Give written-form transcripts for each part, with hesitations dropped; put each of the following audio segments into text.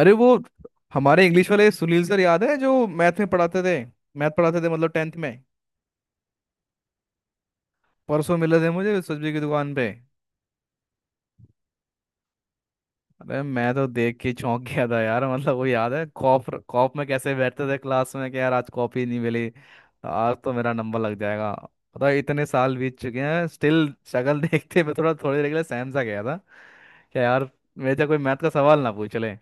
अरे वो हमारे इंग्लिश वाले सुनील सर याद है जो मैथ में पढ़ाते थे। मैथ पढ़ाते थे मतलब 10th में। परसों मिले थे मुझे सब्जी की दुकान पे। अरे मैं तो देख के चौंक गया था यार। मतलब वो याद है कॉप कॉप में कैसे बैठते थे क्लास में कि यार आज कॉपी नहीं मिली, आज तो मेरा नंबर लग जाएगा। पता है इतने साल बीत चुके हैं, स्टिल शक्ल देखते मैं थोड़ा थोड़ी देर के लिए सहम सा गया था। क्या यार! मेरे से कोई मैथ का सवाल ना पूछ ले।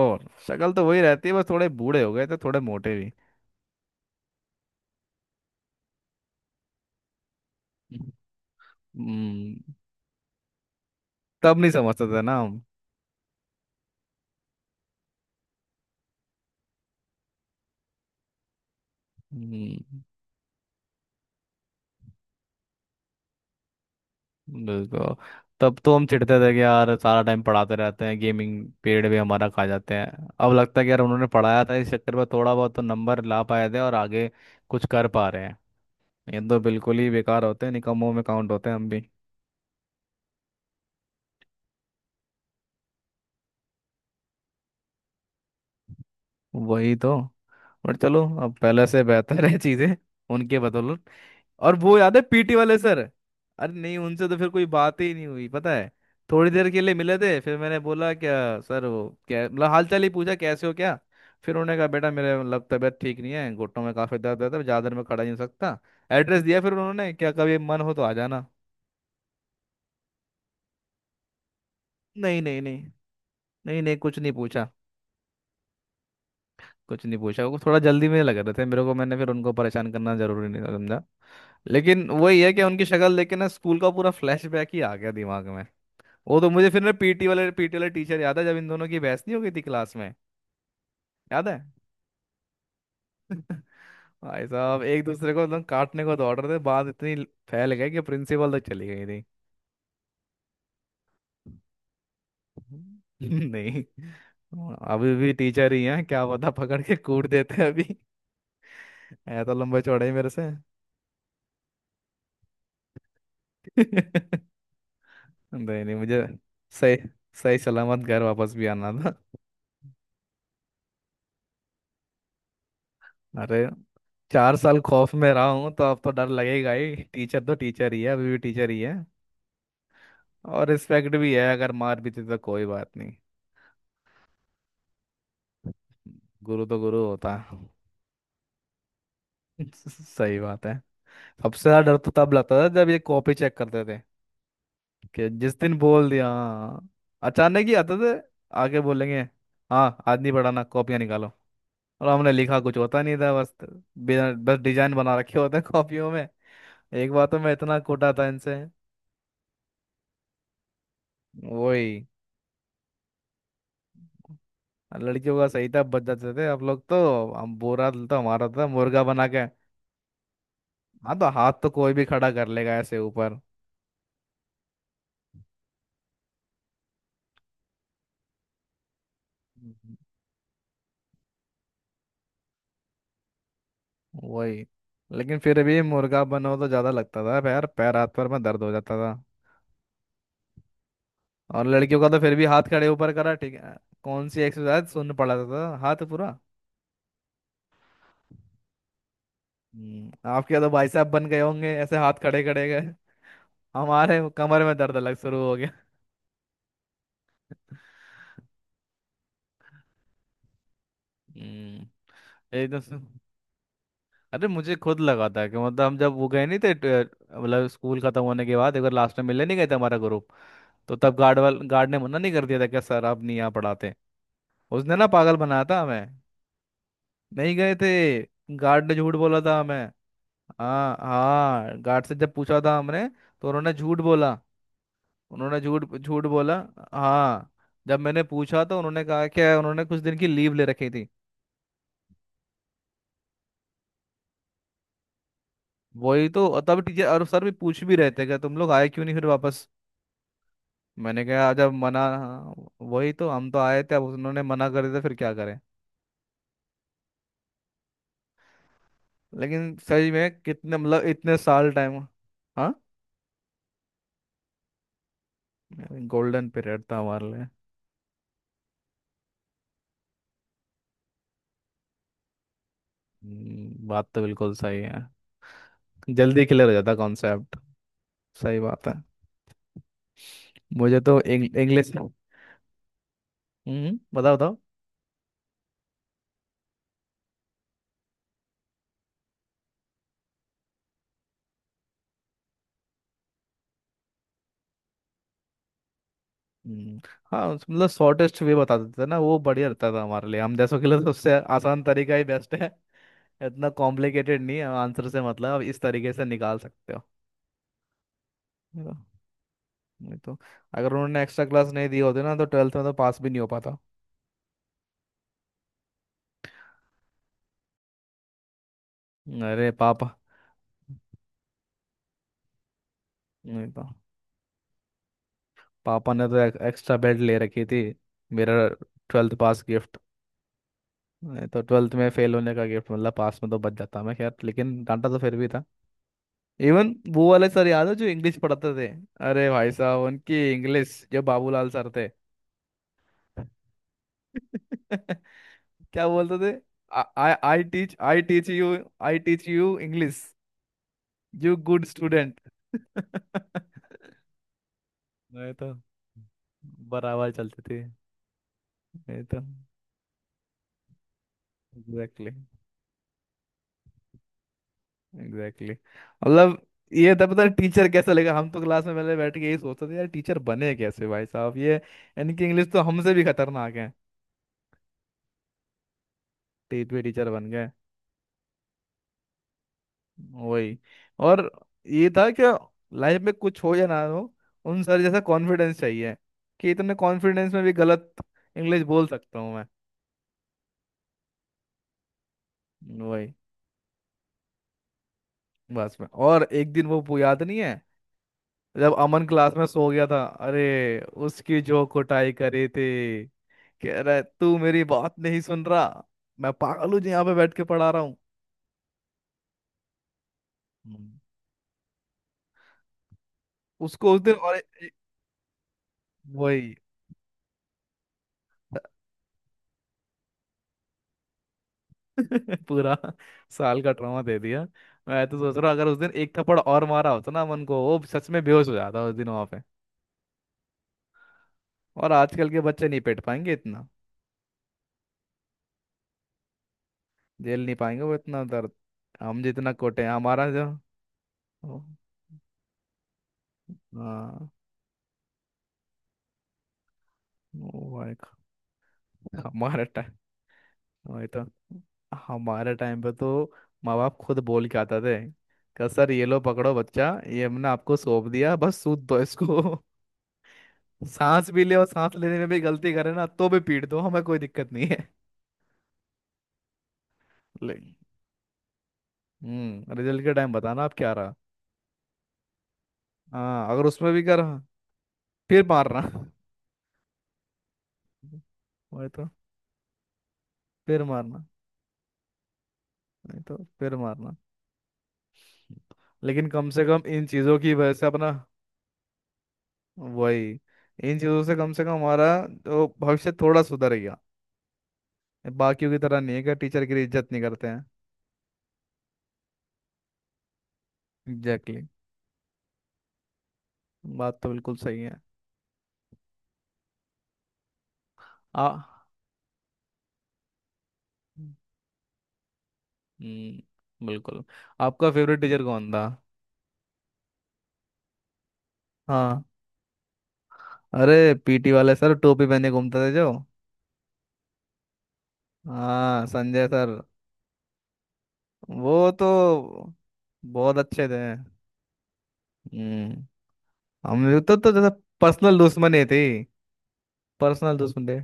ओ, शक्ल तो वही रहती है, बस थोड़े बूढ़े हो गए थे, थोड़े मोटे भी। हम्म तब नहीं समझते थे ना हम। हम्म, बिल्कुल। तब तो हम चिढ़ते थे कि यार सारा टाइम पढ़ाते रहते हैं, गेमिंग पीरियड भी हमारा खा जाते हैं। अब लगता है कि यार उन्होंने पढ़ाया था, इस चक्कर में थोड़ा बहुत तो नंबर ला पाए थे और आगे कुछ कर पा रहे हैं। ये तो बिल्कुल ही बेकार होते हैं, निकम्मों में काउंट होते हैं हम भी। वही तो। बट चलो अब पहले से बेहतर है चीज़ें उनके बदौलत। और वो याद है पीटी वाले सर? अरे नहीं, उनसे तो फिर कोई बात ही नहीं हुई पता है। थोड़ी देर के लिए मिले थे, फिर मैंने बोला क्या सर, वो क्या मतलब हालचाल ही पूछा कैसे हो क्या। फिर उन्होंने कहा बेटा मेरे मतलब तबीयत ठीक नहीं है, घुटनों में काफी दर्द रहता है तो ज्यादा देर में खड़ा नहीं हो सकता। एड्रेस दिया फिर उन्होंने, क्या कभी मन हो तो आ जाना। नहीं नहीं नहीं। नहीं नहीं कुछ नहीं पूछा। कुछ नहीं पूछा, वो थोड़ा जल्दी में लग रहे थे मेरे को, मैंने फिर उनको परेशान करना जरूरी नहीं समझा। लेकिन वही है कि उनकी शक्ल देख के ना स्कूल का पूरा फ्लैशबैक ही आ गया दिमाग। वो तो मुझे फिर ना पीटी वाले टीचर याद है जब इन दोनों की बहस नहीं हो गई थी क्लास में। याद है भाई साहब एक दूसरे को एकदम काटने को दौड़ रहे थे, बात इतनी फैल गई कि प्रिंसिपल तक चली गई थी। नहीं, अभी भी टीचर ही हैं क्या पता, पकड़ के कूट देते हैं अभी ऐ तो लंबे चौड़े ही मेरे से नहीं, नहीं मुझे सही, सही सलामत घर वापस भी आना था। अरे 4 साल खौफ में रहा हूँ तो अब तो डर लगेगा ही, टीचर तो टीचर ही है, अभी भी टीचर ही है। और रिस्पेक्ट भी है, अगर मार भी थी तो कोई बात नहीं, गुरु तो गुरु होता है। सही बात है। सबसे ज्यादा डर तो तब लगता था जब ये कॉपी चेक करते थे, कि जिस दिन बोल दिया हाँ। अचानक ही आते थे। आगे बोलेंगे हाँ आज नहीं पढ़ाना, कॉपियाँ निकालो। और हमने लिखा कुछ होता नहीं था बस, बिना बस डिजाइन बना रखे होते हैं कॉपियों में। एक बार तो मैं इतना कोटा था इनसे। वही। लड़कियों का सही था, बच जाते थे आप लोग तो। हम, बोरा तो हमारा था, मुर्गा बना के। हाँ तो हाथ तो कोई भी खड़ा कर लेगा ऐसे ऊपर। हम्म। वही। लेकिन फिर भी मुर्गा बनो तो ज्यादा लगता था, पैर पैर हाथ पर में दर्द हो जाता था। और लड़कियों का तो फिर भी हाथ खड़े ऊपर करा, ठीक है। कौन सी एक्सरसाइज! सुन पड़ा था तो हाथ पूरा। आपके तो भाई साहब बन गए होंगे ऐसे हाथ खड़े खड़े गए। हमारे कमर में दर्द अलग शुरू हो गया। हम्म, एकदम से। अरे मुझे खुद लगा था कि मतलब हम जब वो गए नहीं थे मतलब स्कूल खत्म होने के बाद एक बार लास्ट में मिलने नहीं गए थे हमारा ग्रुप। तो तब गार्ड ने मना नहीं कर दिया था कि सर आप नहीं यहाँ पढ़ाते। उसने ना पागल बनाया था हमें। नहीं गए थे, गार्ड ने झूठ बोला था हमें। हाँ हाँ, गार्ड से जब पूछा था हमने तो उन्होंने झूठ बोला। उन्होंने झूठ झूठ बोला। हाँ। जब मैंने पूछा तो उन्होंने कहा कि उन्होंने कुछ दिन की लीव ले रखी थी। वही तो, तब टीचर और सर भी पूछ भी रहे थे कि तुम लोग आए क्यों नहीं फिर वापस। मैंने कहा जब मना, हाँ, वही तो, हम तो आए थे अब उन्होंने मना कर दिया फिर क्या करें। लेकिन सही में कितने, मतलब इतने साल टाइम। हाँ। गोल्डन पीरियड था हमारे लिए। बात तो बिल्कुल सही है। जल्दी क्लियर हो जाता कॉन्सेप्ट। सही बात है। मुझे तो इंग्लिश। हम्म, बताओ बताओ। हम्म, हाँ मतलब शॉर्टेस्ट वे बता देते थे ना, वो बढ़िया रहता था हमारे लिए, हम जैसों के लिए तो सबसे आसान तरीका ही बेस्ट है। इतना कॉम्प्लिकेटेड नहीं है, आंसर से मतलब इस तरीके से निकाल सकते हो नहीं तो। अगर उन्होंने एक्स्ट्रा क्लास नहीं दी होती ना तो 12th में तो पास भी नहीं हो पाता। अरे पापा, नहीं तो पापा ने तो एक्स्ट्रा बेड ले रखी थी मेरा। ट्वेल्थ पास गिफ्ट, नहीं तो 12th में फेल होने का गिफ्ट। मतलब पास में तो बच जाता मैं, खैर लेकिन डांटा तो फिर भी था। इवन वो वाले सर याद है जो इंग्लिश पढ़ाते थे, अरे भाई साहब उनकी इंग्लिश, जो बाबूलाल सर थे। क्या बोलते थे? I teach you. I teach you English. You good student. मैं तो बराबर चलते थे। ये तो एग्जैक्टली, एग्जैक्टली मतलब। ये था पता टीचर कैसा लगेगा, हम तो क्लास में पहले बैठ के यही सोचते थे यार टीचर बने कैसे भाई साहब ये, इनकी इंग्लिश तो हमसे भी खतरनाक है। टेट पे टीचर बन गए। वही। और ये था कि लाइफ में कुछ हो या ना हो, उन सर जैसा कॉन्फिडेंस चाहिए कि इतने कॉन्फिडेंस में भी गलत इंग्लिश बोल सकता हूँ मैं। वही। बस में और एक दिन वो याद नहीं है जब अमन क्लास में सो गया था? अरे उसकी जो कुटाई करे थे। कह रहा है तू मेरी बात नहीं सुन रहा, मैं पागल हूँ जो यहाँ पे बैठ के पढ़ा रहा हूँ। हम्म। उसको उस दिन और वही। पूरा साल का ट्रॉमा दे दिया। मैं तो सोच रहा हूँ, अगर उस दिन एक थप्पड़ और मारा होता ना अमन को वो सच में बेहोश हो जाता उस दिन वहां पे। और आजकल के बच्चे नहीं पेट पाएंगे इतना, झेल नहीं पाएंगे वो इतना दर्द। हम जितना कोटे हैं, हमारा जो। हाँ वो हमारे टाइम। वही तो, हमारे टाइम पे तो माँ बाप खुद बोल के आते थे कि सर ये लो पकड़ो बच्चा, ये हमने आपको सौंप दिया, बस सूद दो इसको। सांस भी ले, और सांस लेने में भी गलती करे ना तो भी पीट दो, हमें कोई दिक्कत नहीं है ले, रिजल्ट के टाइम बताना आप क्या रहा। हाँ अगर उसमें भी करा। फिर मारना वही तो, फिर मारना, नहीं तो फिर मारना। लेकिन कम से कम इन चीजों की वजह से अपना, वही। इन चीज़ों से कम हमारा जो भविष्य थोड़ा सुधर गया, बाकियों की तरह नहीं है कि टीचर की इज्जत नहीं करते हैं। Exactly exactly। बात तो बिल्कुल सही है। आ बिल्कुल। आपका फेवरेट टीचर कौन था? हाँ अरे पीटी वाले सर टोपी पहने घूमते थे जो। हाँ संजय सर। वो तो बहुत अच्छे थे। हम्म। हम लोग तो जैसे पर्सनल दुश्मनी थी, पर्सनल दुश्मन थे।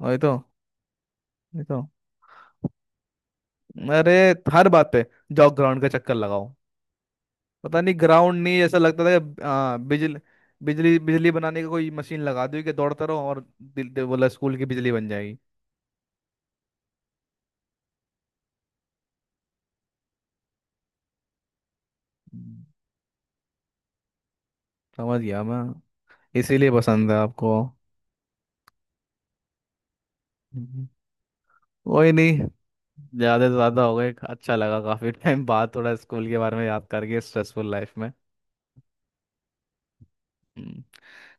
वही तो, वही तो। अरे हर बात पे जाओ ग्राउंड का चक्कर लगाओ, पता नहीं ग्राउंड नहीं ऐसा लगता था कि बिजली बिजली बिजली बनाने की कोई मशीन लगा दी कि दौड़ते रहो और दिल दे बोला स्कूल की बिजली बन जाएगी। हम्म, समझ गया मैं। इसीलिए पसंद है आपको। हम्म। कोई नहीं, ज्यादा से ज्यादा हो गए। अच्छा लगा काफी टाइम बाद थोड़ा स्कूल के बारे में याद करके स्ट्रेसफुल लाइफ में। हम्म,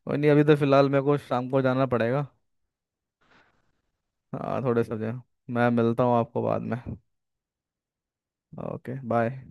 कोई नहीं, अभी तो फिलहाल मेरे को शाम को जाना पड़ेगा। हाँ थोड़े से, मैं मिलता हूँ आपको बाद में। Okay bye.